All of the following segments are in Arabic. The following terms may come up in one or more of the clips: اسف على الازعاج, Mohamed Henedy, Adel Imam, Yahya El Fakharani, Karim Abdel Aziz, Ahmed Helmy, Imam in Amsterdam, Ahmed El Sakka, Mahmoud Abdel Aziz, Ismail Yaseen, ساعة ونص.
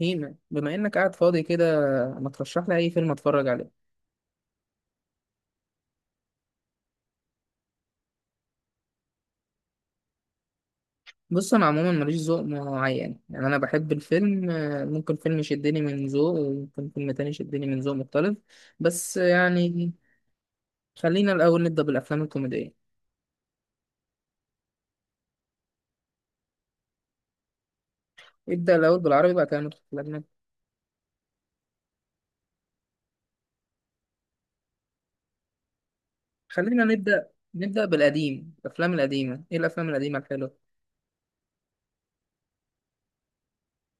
مين بما انك قاعد فاضي كده، ما ترشح لي اي فيلم اتفرج عليه. بص، انا عموما ماليش ذوق معين، يعني انا بحب الفيلم. ممكن فيلم يشدني من ذوق وممكن فيلم تاني يشدني من ذوق مختلف، بس يعني خلينا الاول نبدا بالافلام الكوميديه. ابدا الاول بالعربي بعد كده ندخل في الاجنبي. خلينا نبدا بالقديم. الافلام القديمه، ايه الافلام القديمه الحلوه؟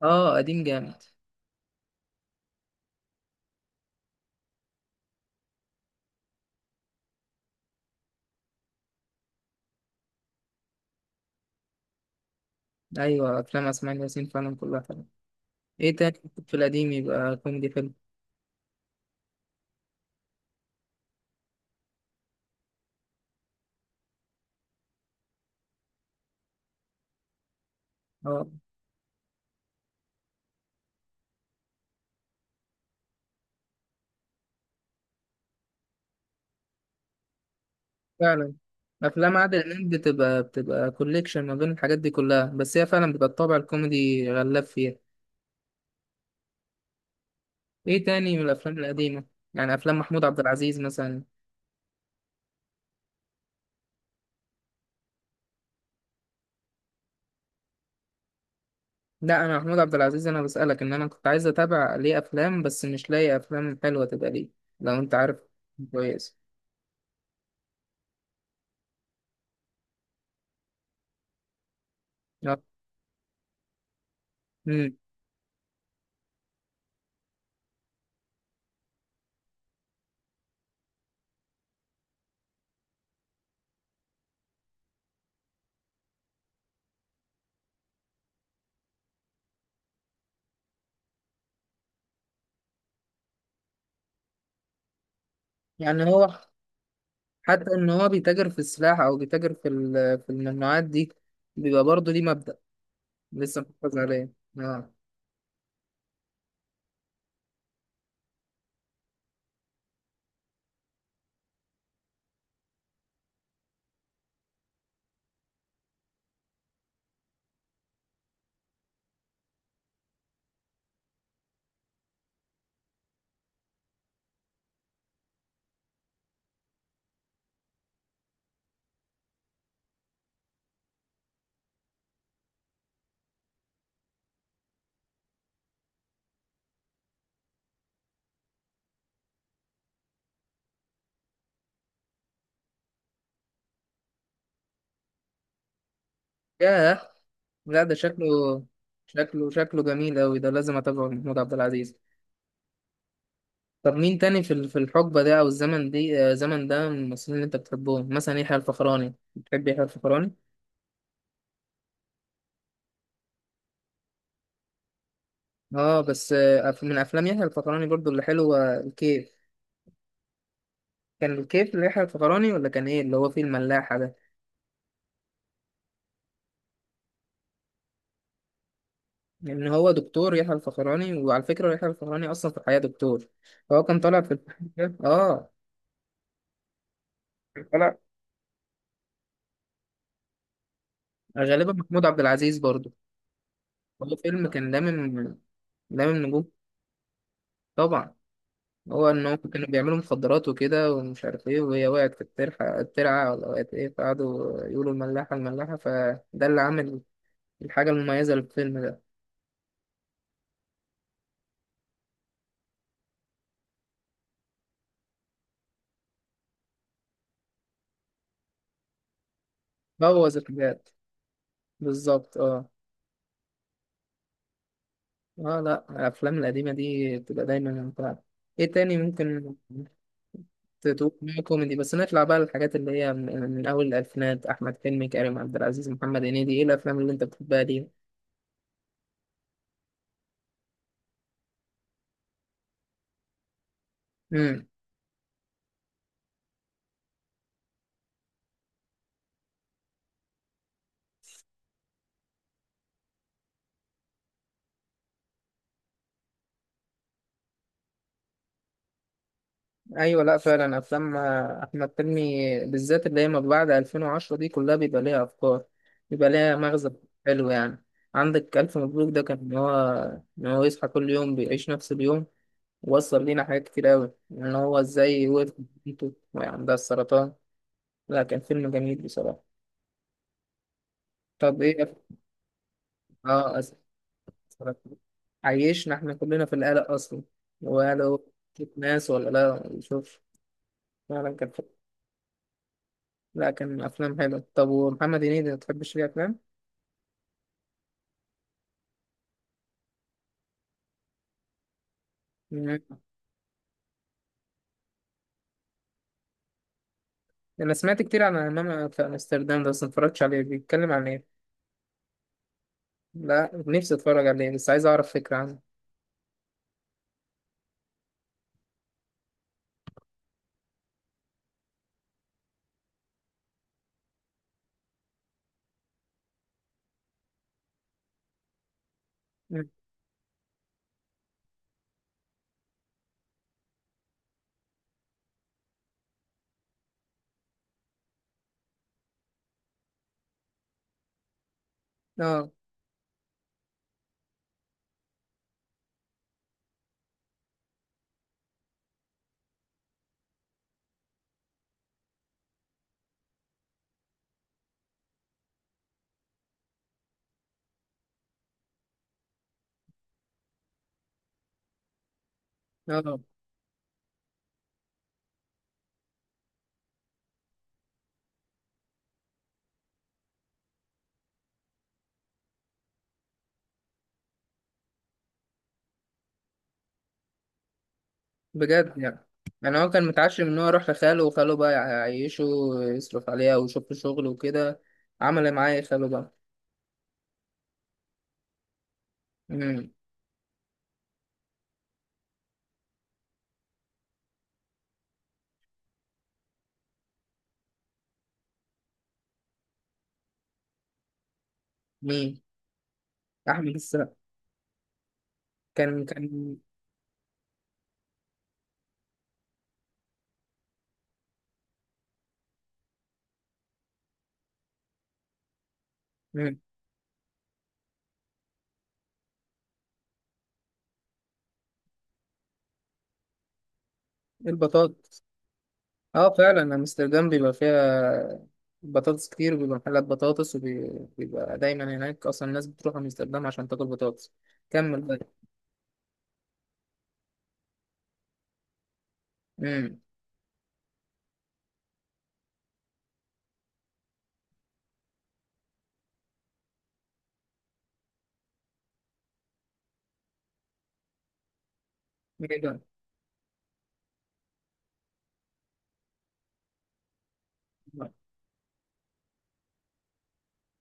اه، قديم جامد. ايوه، افلام اسماعيل ياسين فعلا كلها حلوه. ايه تاني؟ في القديم يبقى كوميدي حلو. اه فعلا، افلام عادل امام بتبقى كوليكشن ما بين الحاجات دي كلها، بس هي فعلا بتبقى الطابع الكوميدي غلاب فيها. ايه تاني من الافلام القديمه؟ يعني افلام محمود عبد العزيز مثلا. لا، انا محمود عبد العزيز انا بسالك ان انا كنت عايز اتابع ليه افلام بس مش لاقي افلام حلوه تبقى ليه، لو انت عارف. كويس. آه. مم. يعني هو، حتى ان هو بيتاجر في السلاح او بيتاجر في في الممنوعات دي، بيبقى برضه ليه مبدأ لسه محافظ عليه. اه. ياه. لا، ده شكله، شكله جميل أوي، ده لازم أتابعه محمود عبد العزيز. طب، مين تاني في في الحقبة ده أو الزمن دي، الزمن ده من الممثلين اللي أنت بتحبهم، مثلا يحيى الفخراني، بتحب يحيى الفخراني؟ أه بس، من أفلام يحيى الفخراني برضو اللي حلوة الكيف. كان الكيف ليحيى الفخراني ولا كان إيه اللي هو فيه الملاحة ده؟ لأن هو دكتور، يحيى الفخراني وعلى فكرة يحيى الفخراني أصلا في الحياة دكتور، فهو كان طالع في الفيلم ده أه. كان طالع غالبا محمود عبد العزيز برضو. هو فيلم كان لامم نجوم. طبعا. هو ان هم كانوا بيعملوا مخدرات وكده ومش عارف ايه، وهي وقعت في الترعه، الترعه ولا وقعت ايه، فقعدوا يقولوا الملاحه الملاحه، فده اللي عامل الحاجه المميزه للفيلم ده. بوظ الحاجات. بالظبط، اه. اه لا، الافلام القديمه دي بتبقى دايما ممتعه. ايه تاني ممكن تتوقع؟ كوميدي، بس نطلع بقى للحاجات اللي هي من اول الالفينات، احمد حلمي، كريم عبد العزيز، محمد هنيدي، ايه الافلام اللي انت بتحبها؟ دي. ايوه، لا فعلا، افلام احمد حلمي بالذات اللي هي ما بعد 2010 دي كلها بيبقى ليها افكار، بيبقى ليها مغزى، حلو يعني. عندك الف مبروك، ده كان ان هو يصحى كل يوم بيعيش نفس اليوم، وصل لينا حاجات كتير قوي ان هو ازاي وقف مع بنته وهي عندها السرطان. لا، كان فيلم جميل بصراحه. طب ايه اه، أسف. السرطان عيشنا احنا كلنا في القلق اصلا، وقالوا ناس ولا لا ما يشوفش، فعلا كان. لا، كان افلام حلوه. طب، ومحمد هنيدي ما تحبش ليه افلام؟ مم. انا سمعت كتير عن امام في امستردام ده بس ما اتفرجتش عليه، بيتكلم عن ايه؟ لا، نفسي اتفرج عليه بس عايز اعرف فكره عنه. مم. اه. اه. بجد؟ يعني هو كان متعشم ان هو يروح لخاله وخاله بقى يعيشه ويصرف عليها ويشوف له شغل وكده. عمل إيه معاه خاله بقى؟ مم. مين؟ احمد السقا. كان. مم. البطاطا. اه فعلا، امستردام بيبقى فيها بطاطس كتير، وبيبقى محلات بطاطس، وبيبقى دايما هناك، اصلا الناس بتروح امستردام عشان تاكل بطاطس. كمل بقى. امم. ايه ده؟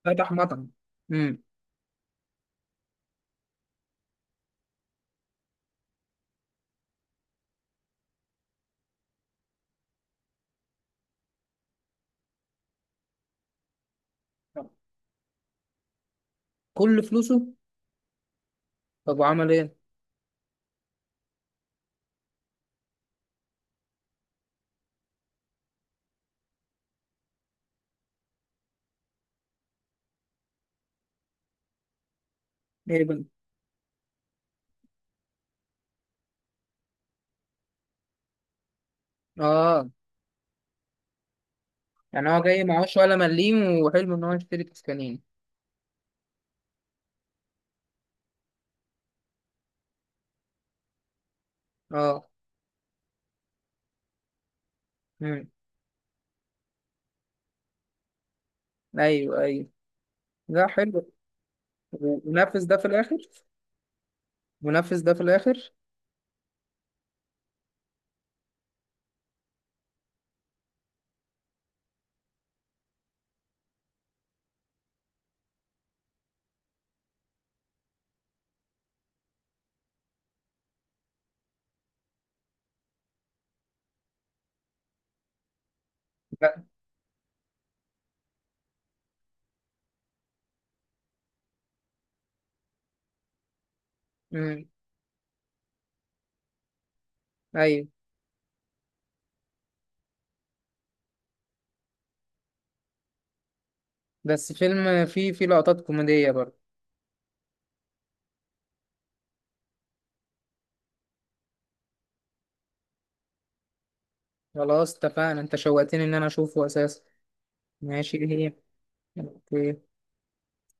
فتح مطعم. امم. كل فلوسه. طب وعمل ايه؟ ايه بقى؟ اه. يعني هو جاي معهوش ولا مليم، وحلم ان هو يشتري تسكانين. اه. امم. ايوه، ايوه. لا، حلو. ونفذ ده في الاخر؟ ونفذ ده في الاخر لا. امم. ايوه. بس فيلم فيه لقطات كوميدية برضه. خلاص اتفقنا، انت شوقتني ان انا اشوفه اساسا. ماشي، ايه هي؟ اوكي.